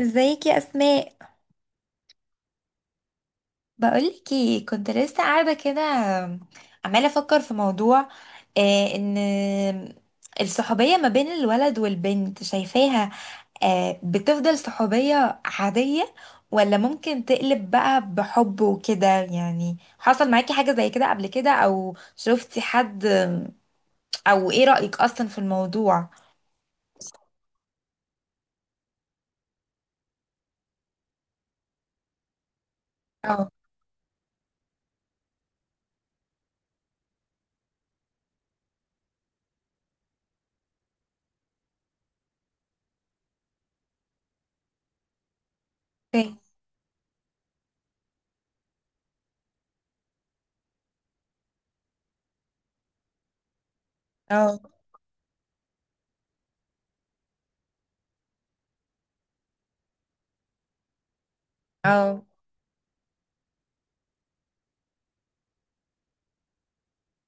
ازيك يا اسماء؟ بقولك ايه، كنت لسه قاعده كده عماله افكر في موضوع. ان الصحوبيه ما بين الولد والبنت، شايفاها بتفضل صحوبيه عاديه، ولا ممكن تقلب بقى بحب وكده؟ يعني حصل معاكي حاجه زي كده قبل كده، او شفتي حد، او ايه رأيك اصلا في الموضوع؟ اه. اوكي. اه اه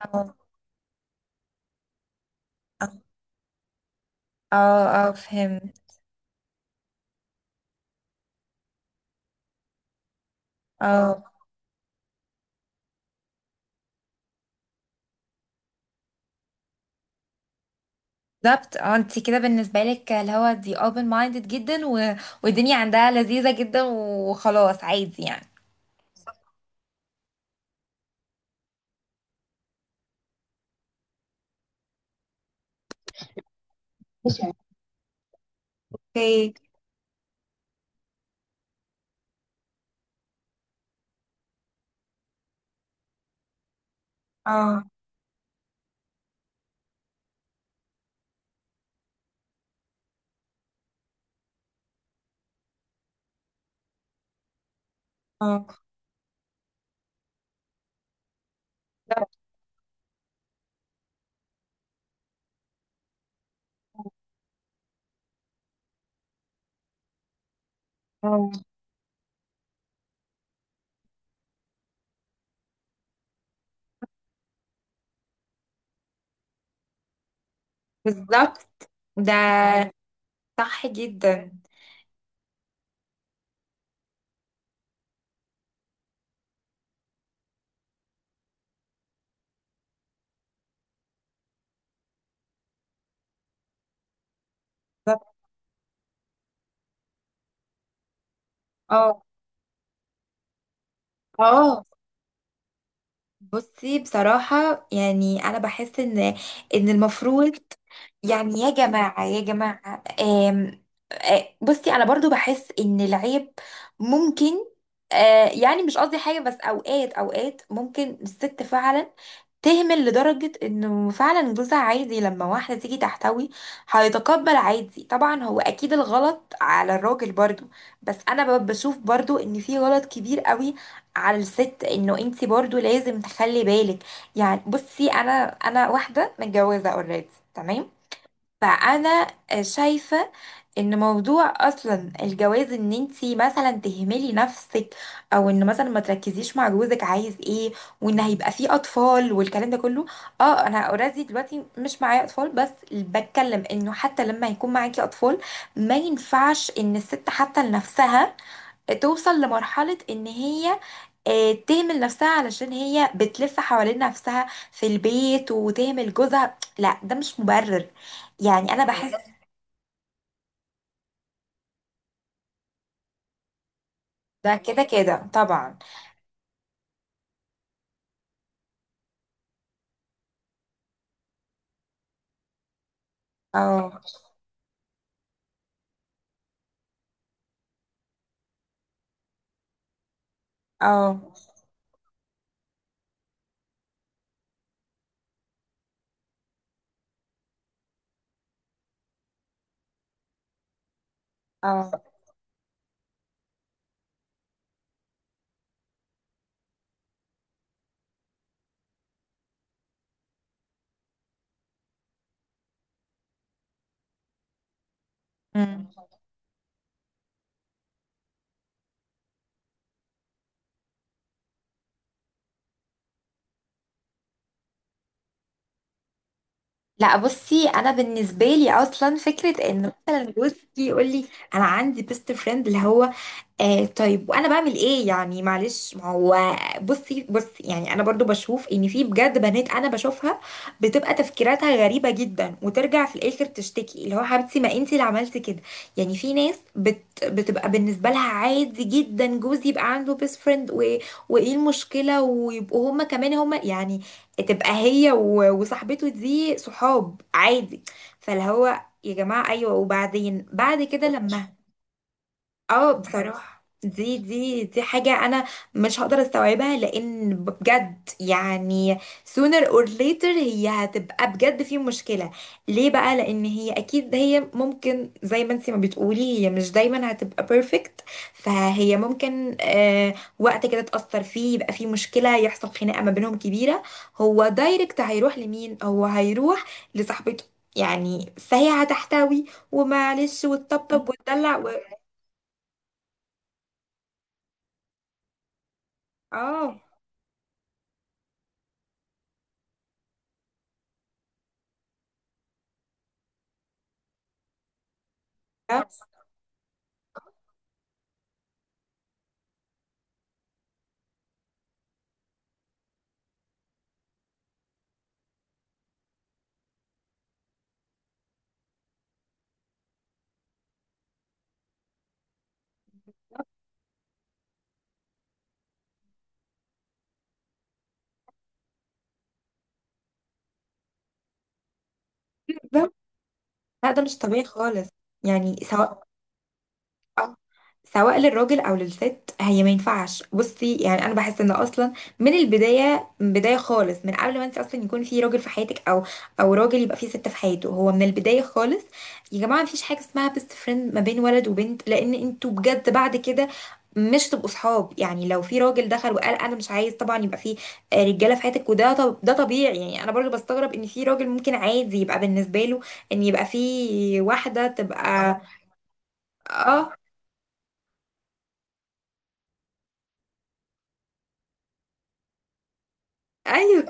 اه اه اه، فهمت. اه بالظبط، اه انت كده بالنسبه لك اللي هو دي open minded جدا والدنيا عندها لذيذه جدا وخلاص عادي يعني. مش اوكي. اه. اه بالظبط. اه بالظبط. ده صح جدا. بالظبط. اه. اه بصي، بصراحة يعني أنا بحس إن إن المفروض، يعني يا جماعة يا جماعة، بصي أنا برضو بحس إن العيب ممكن، يعني مش قصدي حاجة، بس أوقات أوقات ممكن الست فعلا تهمل لدرجة إنه فعلا جوزها عادي لما واحدة تيجي تحتوي، هيتقبل عادي. طبعا هو أكيد الغلط على الراجل برضو، بس أنا بشوف برضو إن في غلط كبير قوي على الست، انه انت برضو لازم تخلي بالك. يعني بصي، انا واحده متجوزه اوريدي، تمام؟ فانا شايفه ان موضوع اصلا الجواز، ان انت مثلا تهملي نفسك، او ان مثلا ما تركزيش مع جوزك عايز ايه، وان هيبقى فيه اطفال والكلام ده كله. اه انا اوريدي دلوقتي مش معايا اطفال، بس بتكلم انه حتى لما يكون معاكي اطفال ما ينفعش ان الست حتى لنفسها توصل لمرحله ان هي، تهمل نفسها علشان هي بتلف حوالين نفسها في البيت وتهمل جوزها. لا ده مش مبرر يعني، انا بحس بالظبط. ده كده كده طبعا. اه اه اه. مم. لا بصي، انا بالنسبه لي اصلا فكره ان مثلا جوزي يقول لي انا عندي بيست فريند اللي هو، طيب وانا بعمل ايه يعني معلش، ما هو بصي بصي، يعني انا برضو بشوف ان في بجد بنات انا بشوفها بتبقى تفكيراتها غريبة جدا، وترجع في الاخر تشتكي اللي هو، حبيبتي ما انتي اللي عملتي كده. يعني في ناس بتبقى بالنسبة لها عادي جدا جوزي يبقى عنده بيست فريند وايه المشكلة، ويبقوا هما كمان هما يعني، تبقى هي وصاحبته دي صحاب عادي. فاللي هو يا جماعة ايوه، وبعدين بعد كده لما، اه بصراحة دي حاجة انا مش هقدر استوعبها لان بجد يعني sooner or later هي هتبقى بجد في مشكلة. ليه بقى؟ لان هي اكيد، هي ممكن زي ما انتي ما بتقولي، هي مش دايما هتبقى perfect، فهي ممكن وقت كده تأثر فيه يبقى فيه مشكلة، يحصل خناقة ما بينهم كبيرة، هو دايركت هيروح لمين؟ هو هيروح لصاحبته، يعني فهي هتحتوي ومعلش وتطبطب وتدلع اه. لا ده مش طبيعي خالص، يعني سواء آه. سواء للراجل او للست، هي ما ينفعش. بصي يعني انا بحس ان اصلا من البدايه، من بدايه خالص، من قبل ما انت اصلا يكون في راجل في حياتك، او راجل يبقى في ست في حياته، هو من البدايه خالص يا جماعه مفيش حاجه اسمها بيست فريند ما بين ولد وبنت، لان انتوا بجد بعد كده مش تبقوا صحاب. يعني لو في راجل دخل وقال انا مش عايز، طبعا يبقى في رجاله في حياتك وده، طب ده طبيعي. يعني انا برضه بستغرب ان في راجل ممكن عادي يبقى بالنسبه له ان يبقى في واحده تبقى، اه. ايوه.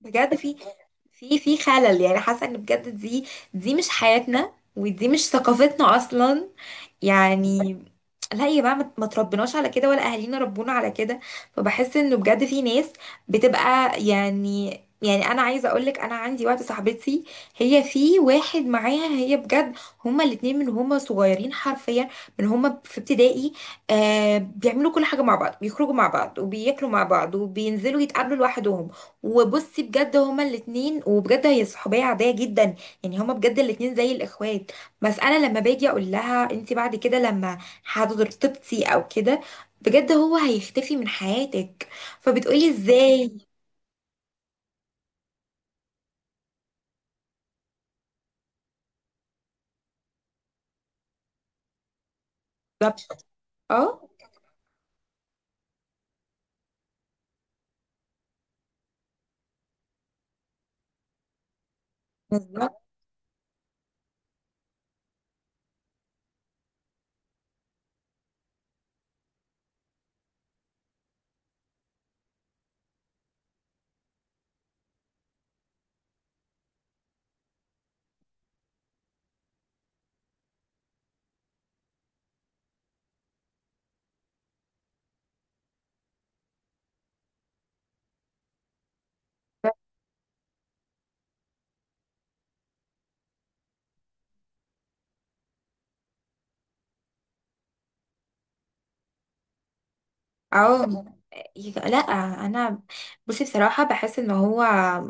بجد في خلل يعني، حاسه ان بجد دي مش حياتنا، ودي مش ثقافتنا اصلا يعني. لا يا بقى، ما تربناش على كده، ولا اهالينا ربونا على كده. فبحس انه بجد في ناس بتبقى يعني، انا عايزه اقولك انا عندي واحده صاحبتي، هي في واحد معاها، هي بجد هما الاتنين من هما صغيرين حرفيا، من هما في ابتدائي، بيعملوا كل حاجه مع بعض، بيخرجوا مع بعض وبياكلوا مع بعض وبينزلوا يتقابلوا لوحدهم. وبصي بجد هما الاتنين، وبجد هي صحوبيه عاديه جدا، يعني هما بجد الاتنين زي الاخوات. بس انا لما باجي اقول لها انت بعد كده لما هترتبطي او كده بجد هو هيختفي من حياتك، فبتقولي ازاي. بالظبط. اه بالظبط. اه لا، انا بصي بصراحه بحس ان هو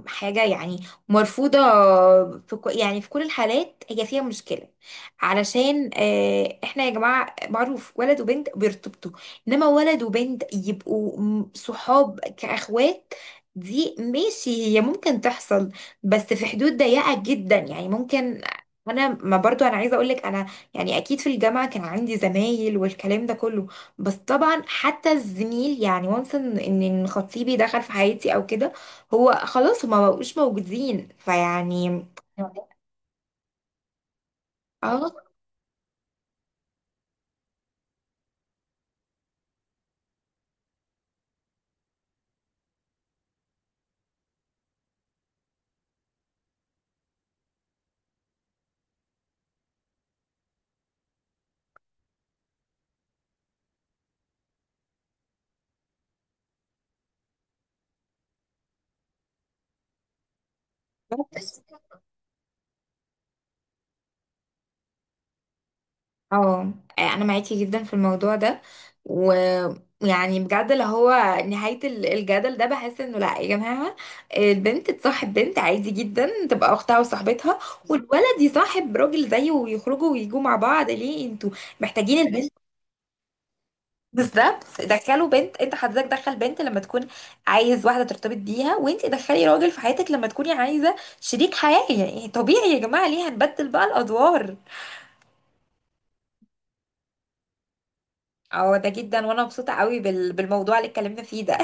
حاجه يعني مرفوضه، في كو يعني في كل الحالات هي فيها مشكله، علشان احنا يا جماعه معروف ولد وبنت بيرتبطوا، انما ولد وبنت يبقوا صحاب كاخوات، دي ماشي هي ممكن تحصل، بس في حدود ضيقه جدا. يعني ممكن، انا ما برضو، انا عايزه اقول لك انا يعني اكيد في الجامعه كان عندي زمايل والكلام ده كله، بس طبعا حتى الزميل يعني وانس ان إن خطيبي دخل في حياتي او كده هو خلاص، هما مبقوش موجودين فيعني، اه. بس اه انا معاكي جدا في الموضوع ده، ويعني بجد اللي هو، نهاية الجدل ده بحس انه لا يا جماعة، البنت تصاحب بنت عادي جدا، تبقى اختها وصاحبتها، والولد يصاحب راجل زيه ويخرجوا ويجوا مع بعض. ليه انتوا محتاجين البنت؟ بالظبط، دخلوا بنت، انت حضرتك دخل بنت لما تكون عايز واحده ترتبط بيها، وانت دخلي راجل في حياتك لما تكوني عايزه شريك حياه. يعني طبيعي يا جماعه، ليه هنبدل بقى الادوار؟ اه ده جدا، وانا مبسوطه قوي بالموضوع اللي اتكلمنا فيه ده.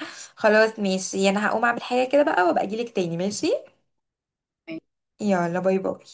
خلاص ماشي، انا هقوم اعمل حاجه كده بقى، وابقى اجيلك تاني، ماشي؟ يلا، باي باي.